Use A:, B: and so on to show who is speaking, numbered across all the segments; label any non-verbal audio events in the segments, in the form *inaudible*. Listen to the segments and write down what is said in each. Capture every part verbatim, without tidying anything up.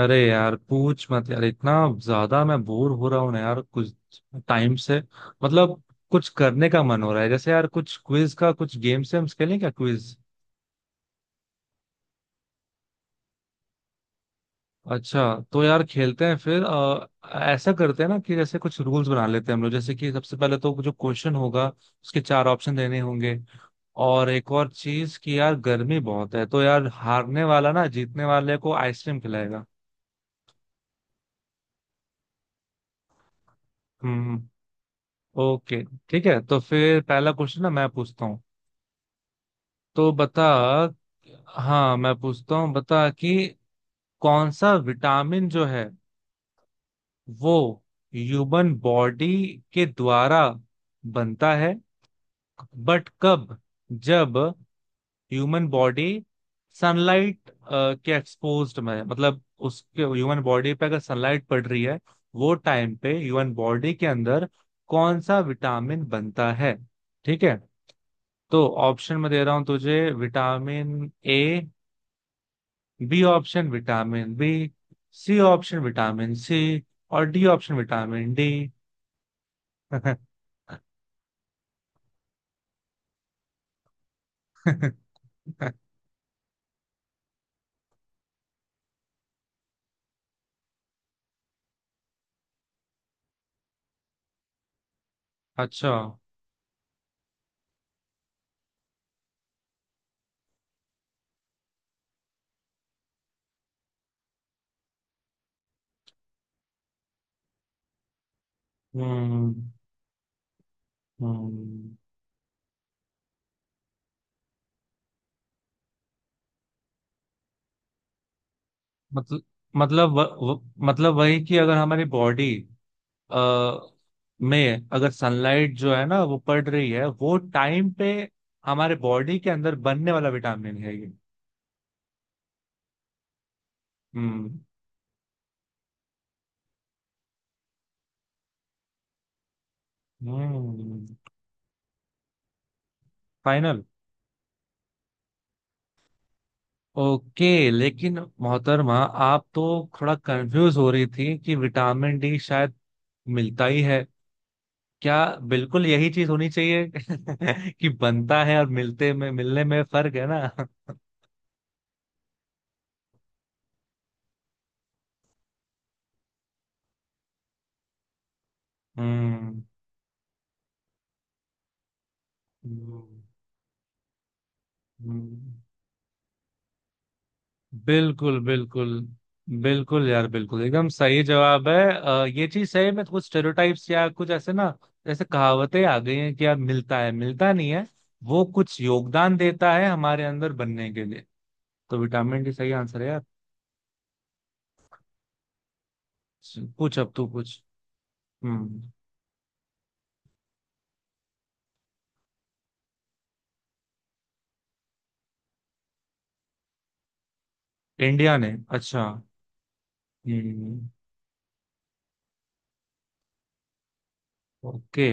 A: अरे यार पूछ मत यार। इतना ज्यादा मैं बोर हो रहा हूँ ना यार कुछ टाइम से। मतलब कुछ करने का मन हो रहा है जैसे यार, कुछ क्विज का कुछ गेम से हम खेलें क्या? क्विज अच्छा, तो यार खेलते हैं फिर। अ, ऐसा करते हैं ना कि जैसे कुछ रूल्स बना लेते हैं हम लोग। जैसे कि सबसे पहले तो जो क्वेश्चन होगा उसके चार ऑप्शन देने होंगे। और एक और चीज कि यार गर्मी बहुत है, तो यार हारने वाला ना जीतने वाले को आइसक्रीम खिलाएगा। हम्म। ओके, ठीक है। तो फिर पहला क्वेश्चन ना मैं पूछता हूँ, तो बता। हाँ मैं पूछता हूँ, बता कि कौन सा विटामिन जो है वो ह्यूमन बॉडी के द्वारा बनता है, बट कब? जब ह्यूमन बॉडी सनलाइट के एक्सपोज्ड में है। मतलब उसके ह्यूमन बॉडी पे अगर सनलाइट पड़ रही है वो टाइम पे ह्यूमन बॉडी के अंदर कौन सा विटामिन बनता है? ठीक है, तो ऑप्शन में दे रहा हूं तुझे। Vitamin A, B option vitamin B, C option vitamin C, और डी ऑप्शन विटामिन डी। *laughs* अच्छा। हम्म। हम्म। मतलब मतलब व, व, मतलब वही कि अगर हमारी बॉडी आ में अगर सनलाइट जो है ना वो पड़ रही है वो टाइम पे हमारे बॉडी के अंदर बनने वाला विटामिन है ये। हम्म। हम्म। फाइनल। ओके, लेकिन मोहतरमा आप तो थोड़ा कंफ्यूज हो रही थी कि विटामिन डी शायद मिलता ही है क्या? बिल्कुल यही चीज होनी चाहिए। *laughs* कि बनता है, और मिलते में मिलने में फर्क है ना। हम्म। हम्म। हम्म। बिल्कुल बिल्कुल बिल्कुल यार, बिल्कुल एकदम सही जवाब है। अ, ये चीज सही में कुछ स्टेरियोटाइप्स या कुछ ऐसे ना जैसे कहावतें आ गई हैं कि यार मिलता है, मिलता नहीं है। वो कुछ योगदान देता है हमारे अंदर बनने के लिए। तो विटामिन डी सही आंसर है यार। पूछ, अब तू पूछ। हम्म। इंडिया ने, अच्छा। हम्म। ओके।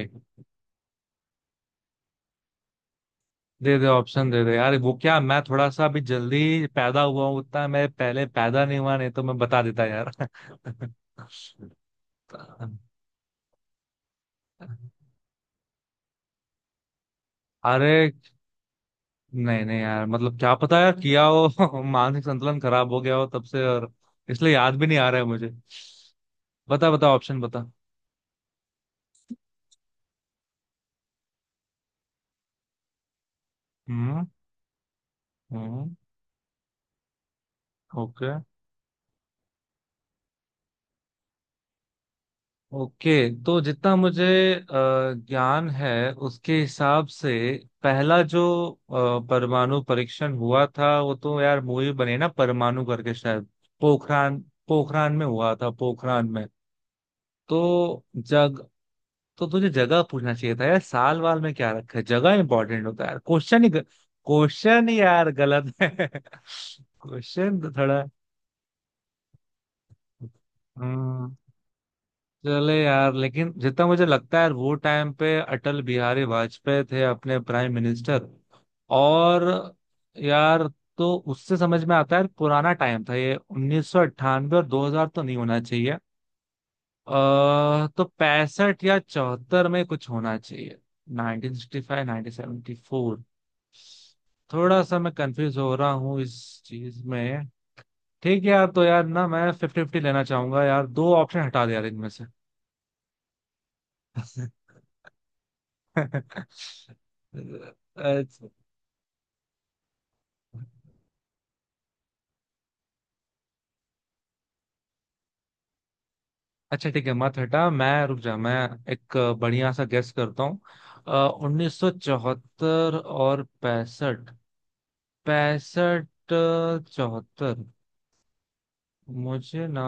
A: दे दे, ऑप्शन दे दे यार। वो क्या, मैं थोड़ा सा अभी जल्दी पैदा हुआ हूँ, उतना मैं पहले पैदा नहीं हुआ, नहीं तो मैं बता देता यार। *laughs* अरे नहीं नहीं यार, मतलब क्या पता यार किया हो। *laughs* मानसिक संतुलन खराब हो गया हो तब से, और इसलिए याद भी नहीं आ रहा है मुझे। बता बता ऑप्शन बता। हम्म। हम्म। ओके। ओके। तो जितना मुझे अ, ज्ञान है उसके हिसाब से पहला जो अ, परमाणु परीक्षण हुआ था, वो तो यार मूवी बने ना परमाणु करके शायद। पोखरान, पोखरान में हुआ था, पोखरान में। तो जग, तो तुझे जगह पूछना चाहिए था यार, साल वाल में क्या रखा है? जगह इंपॉर्टेंट होता है यार, क्वेश्चन ही क्वेश्चन यार गलत है। *laughs* क्वेश्चन तो थोड़ा। हम्म। चले यार, लेकिन जितना मुझे लगता है यार वो टाइम पे अटल बिहारी वाजपेयी थे अपने प्राइम मिनिस्टर। और यार, तो उससे समझ में आता है यार पुराना टाइम था ये, उन्नीस सौ अंठानवे और दो हज़ार तो नहीं होना चाहिए। अ तो पैंसठ या चौहत्तर में कुछ होना चाहिए। उन्नीस सौ पैंसठ, उन्नीस सौ चौहत्तर, थोड़ा सा मैं कंफ्यूज हो रहा हूँ इस चीज में। ठीक है यार, तो यार ना मैं फिफ्टी फिफ्टी लेना चाहूंगा यार, दो ऑप्शन हटा दे यार इनमें से। *laughs* अच्छा। अच्छा, ठीक है मत हटा, मैं रुक जा, मैं एक बढ़िया सा गेस करता हूँ। उन्नीस सौ चौहत्तर और पैंसठ। पैंसठ, चौहत्तर, मुझे ना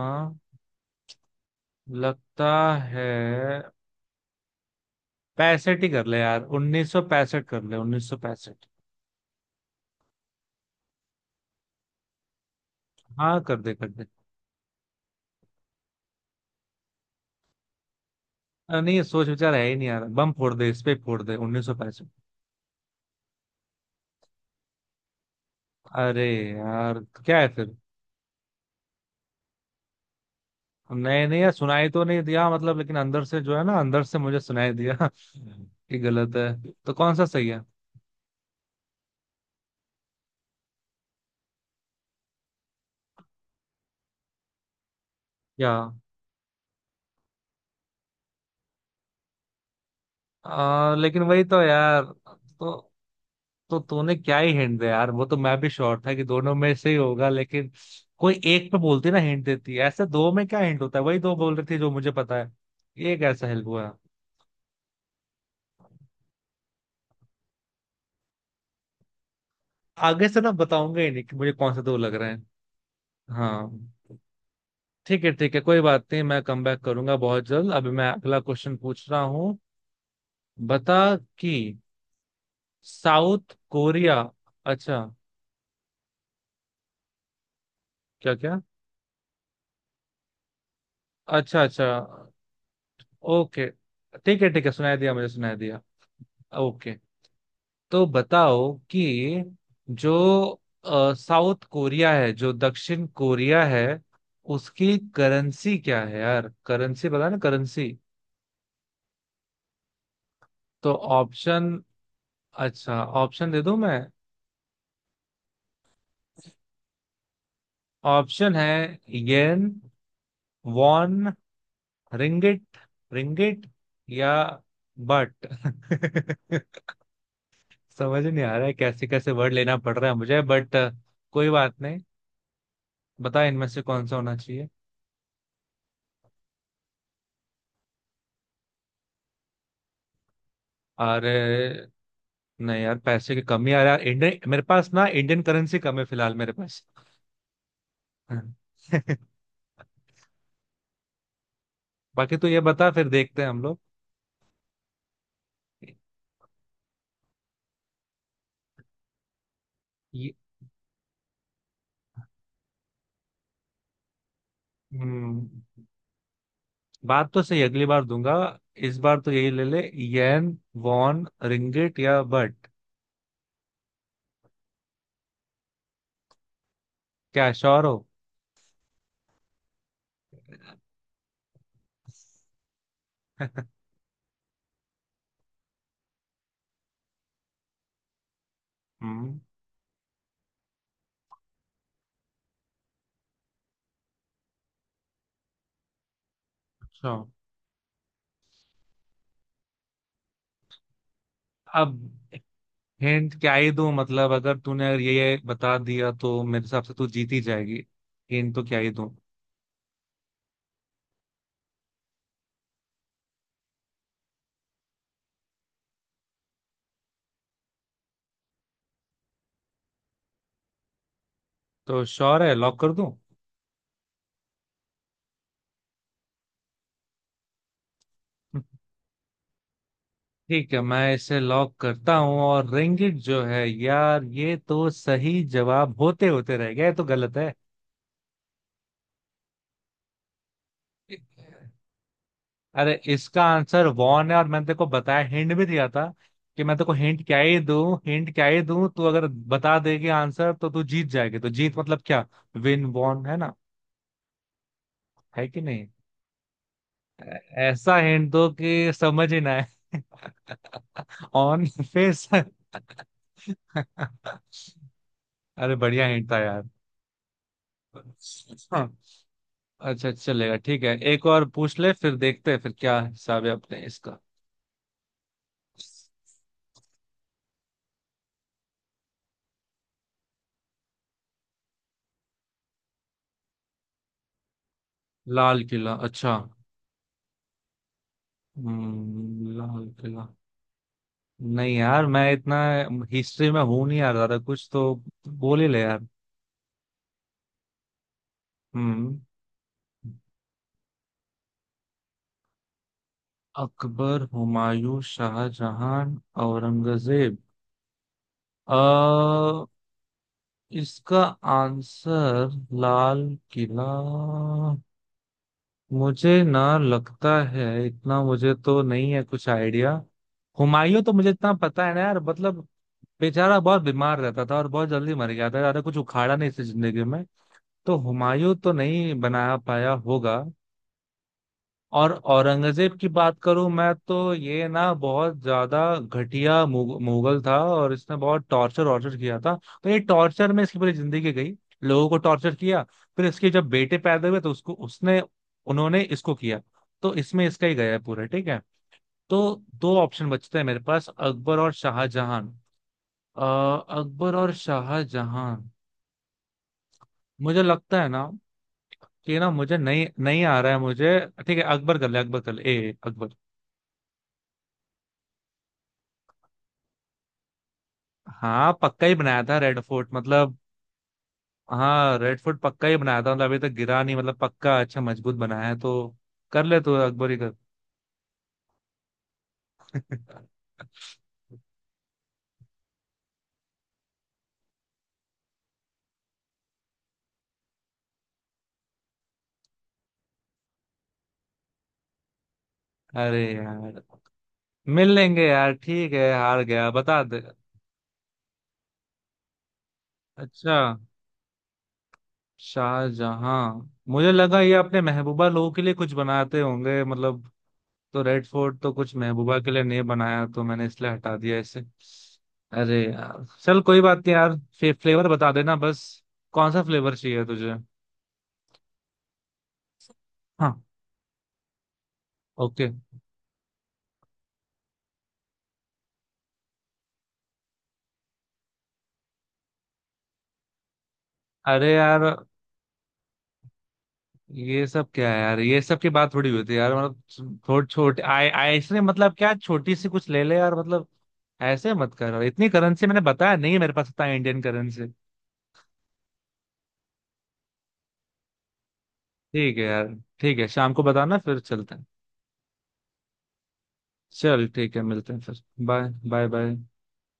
A: लगता है पैंसठ ही कर ले यार, उन्नीस सौ पैंसठ कर ले, उन्नीस सौ पैंसठ। हाँ कर दे कर दे। अ, नहीं सोच विचार है ही नहीं यार, बम फोड़ दे इस पे, फोड़ दे उन्नीस सौ पैंसठ। अरे यार क्या है फिर। नहीं नहीं यार सुनाई तो नहीं दिया, मतलब लेकिन अंदर से जो है ना अंदर से मुझे सुनाई दिया *laughs* कि गलत है, तो कौन सा सही है? क्या? आ, लेकिन वही तो यार। तो तो तूने क्या ही हिंट दे यार, वो तो मैं भी श्योर था कि दोनों में से ही होगा, लेकिन कोई एक पे बोलती ना हिंट देती है, ऐसे दो में क्या हिंट होता है? वही दो बोल रही थी जो मुझे पता है। ये कैसा हेल्प हुआ? आगे से ना बताऊंगा ही नहीं कि मुझे कौन से दो लग रहे हैं। हाँ, ठीक है ठीक है, कोई बात नहीं, मैं कम बैक करूंगा बहुत जल्द। अभी मैं अगला क्वेश्चन पूछ रहा हूँ। बता कि साउथ कोरिया, अच्छा। क्या क्या? अच्छा अच्छा। ओके। ठीक है ठीक है, सुनाई दिया मुझे, सुनाई दिया। ओके। तो बताओ कि जो अ, साउथ कोरिया है, जो दक्षिण कोरिया है, उसकी करेंसी क्या है? यार करेंसी पता है ना, करेंसी। तो ऑप्शन, अच्छा ऑप्शन दे दूं मैं। ऑप्शन है येन, वॉन, रिंगिट, रिंगिट या बट। *laughs* समझ नहीं आ रहा है कैसे कैसे वर्ड लेना पड़ रहा है मुझे, बट कोई बात नहीं। बता इनमें से कौन सा होना चाहिए। अरे नहीं यार, पैसे की कमी आ रहा है, इंडियन मेरे पास ना, इंडियन करेंसी कम है फिलहाल मेरे पास। *laughs* बाकी तो ये बता, फिर देखते हैं हम लोग। ये, हम्म, बात तो सही, अगली बार दूंगा। इस बार तो यही ले ले। येन, वॉन, रिंगिट या बट, क्या श्योर हो? *laughs* हम्म, अच्छा। अब हिंट क्या ही दूं, मतलब अगर तूने अगर ये ये बता दिया तो मेरे हिसाब से तू जीत ही जाएगी, हिंट तो क्या ही दूं? तो श्योर है, लॉक कर दूं? ठीक है, मैं इसे लॉक करता हूं। और रिंगिट जो है यार, ये तो सही जवाब होते होते रह गया, ये तो गलत है। अरे इसका आंसर वॉन है, और मैंने तेरे को बताया, हिंट भी दिया था कि मैं तेरे को हिंट क्या ही दूं, हिंट क्या ही दूं, तू अगर बता देगी आंसर तो तू जीत जाएगी, तो जीत मतलब क्या? विन वॉन है ना, है कि नहीं? ऐसा हिंट दो कि समझ ही ना आए। *laughs* On face. अरे बढ़िया हिंट था यार। हाँ, अच्छा अच्छा चलेगा, ठीक है एक और पूछ ले, फिर देखते हैं फिर क्या हिसाब है अपने इसका। लाल किला, अच्छा। हम्म, लाल किला। नहीं यार, मैं इतना हिस्ट्री में हूं नहीं यार, ज्यादा कुछ तो बोल ही ले यार। हम्म। अकबर, हुमायूं, शाहजहां, औरंगजेब। अ इसका आंसर लाल किला, मुझे ना लगता है इतना, मुझे तो नहीं है कुछ आइडिया। हुमायूं तो मुझे इतना पता है ना यार, मतलब बेचारा बहुत बीमार रहता था और बहुत जल्दी मर गया था, ज्यादा कुछ उखाड़ा नहीं इसकी जिंदगी में। तो हुमायूं तो नहीं बना पाया होगा। और औरंगजेब की बात करूं मैं, तो ये ना बहुत ज्यादा घटिया मुग, मुगल था, और इसने बहुत टॉर्चर वॉर्चर किया था। तो ये टॉर्चर में इसकी पूरी जिंदगी गई, लोगों को टॉर्चर किया। फिर इसके जब बेटे पैदा हुए तो उसको उसने, उन्होंने इसको किया, तो इसमें इसका ही गया है पूरा। ठीक है, तो दो ऑप्शन बचते हैं मेरे पास, अकबर और शाहजहां। अ, अकबर और शाहजहां, मुझे लगता है ना कि ना, मुझे नहीं नहीं आ रहा है मुझे। ठीक है अकबर कर ले, अकबर कर ले, ए अकबर। हाँ पक्का ही बनाया था रेड फोर्ट, मतलब हाँ रेड फोर्ट पक्का ही बनाया था, मतलब अभी तक गिरा नहीं, मतलब पक्का अच्छा मजबूत बनाया है, तो कर ले, तो अकबर ही कर। *laughs* अरे यार मिल लेंगे यार, ठीक है, हार गया बता दे। अच्छा, शाहजहां, मुझे लगा ये अपने महबूबा लोगों के लिए कुछ बनाते होंगे मतलब, तो रेड फोर्ट तो कुछ महबूबा के लिए नहीं बनाया, तो मैंने इसलिए हटा दिया इसे। अरे यार चल, कोई बात नहीं यार। फ्लेवर बता देना बस, कौन सा फ्लेवर चाहिए तुझे? हाँ। ओके। अरे यार ये सब क्या है यार, ये सब की बात थोड़ी हुई थी यार, मतलब थोड़ी छोटी आए आए- इसने, मतलब क्या, छोटी सी कुछ ले ले यार, मतलब ऐसे मत कर यार, इतनी करेंसी मैंने बताया नहीं है, मेरे पास इतना इंडियन करेंसी। ठीक है यार, ठीक है शाम को बताना फिर चलते हैं। चल ठीक है, मिलते हैं फिर, बाय बाय बाय।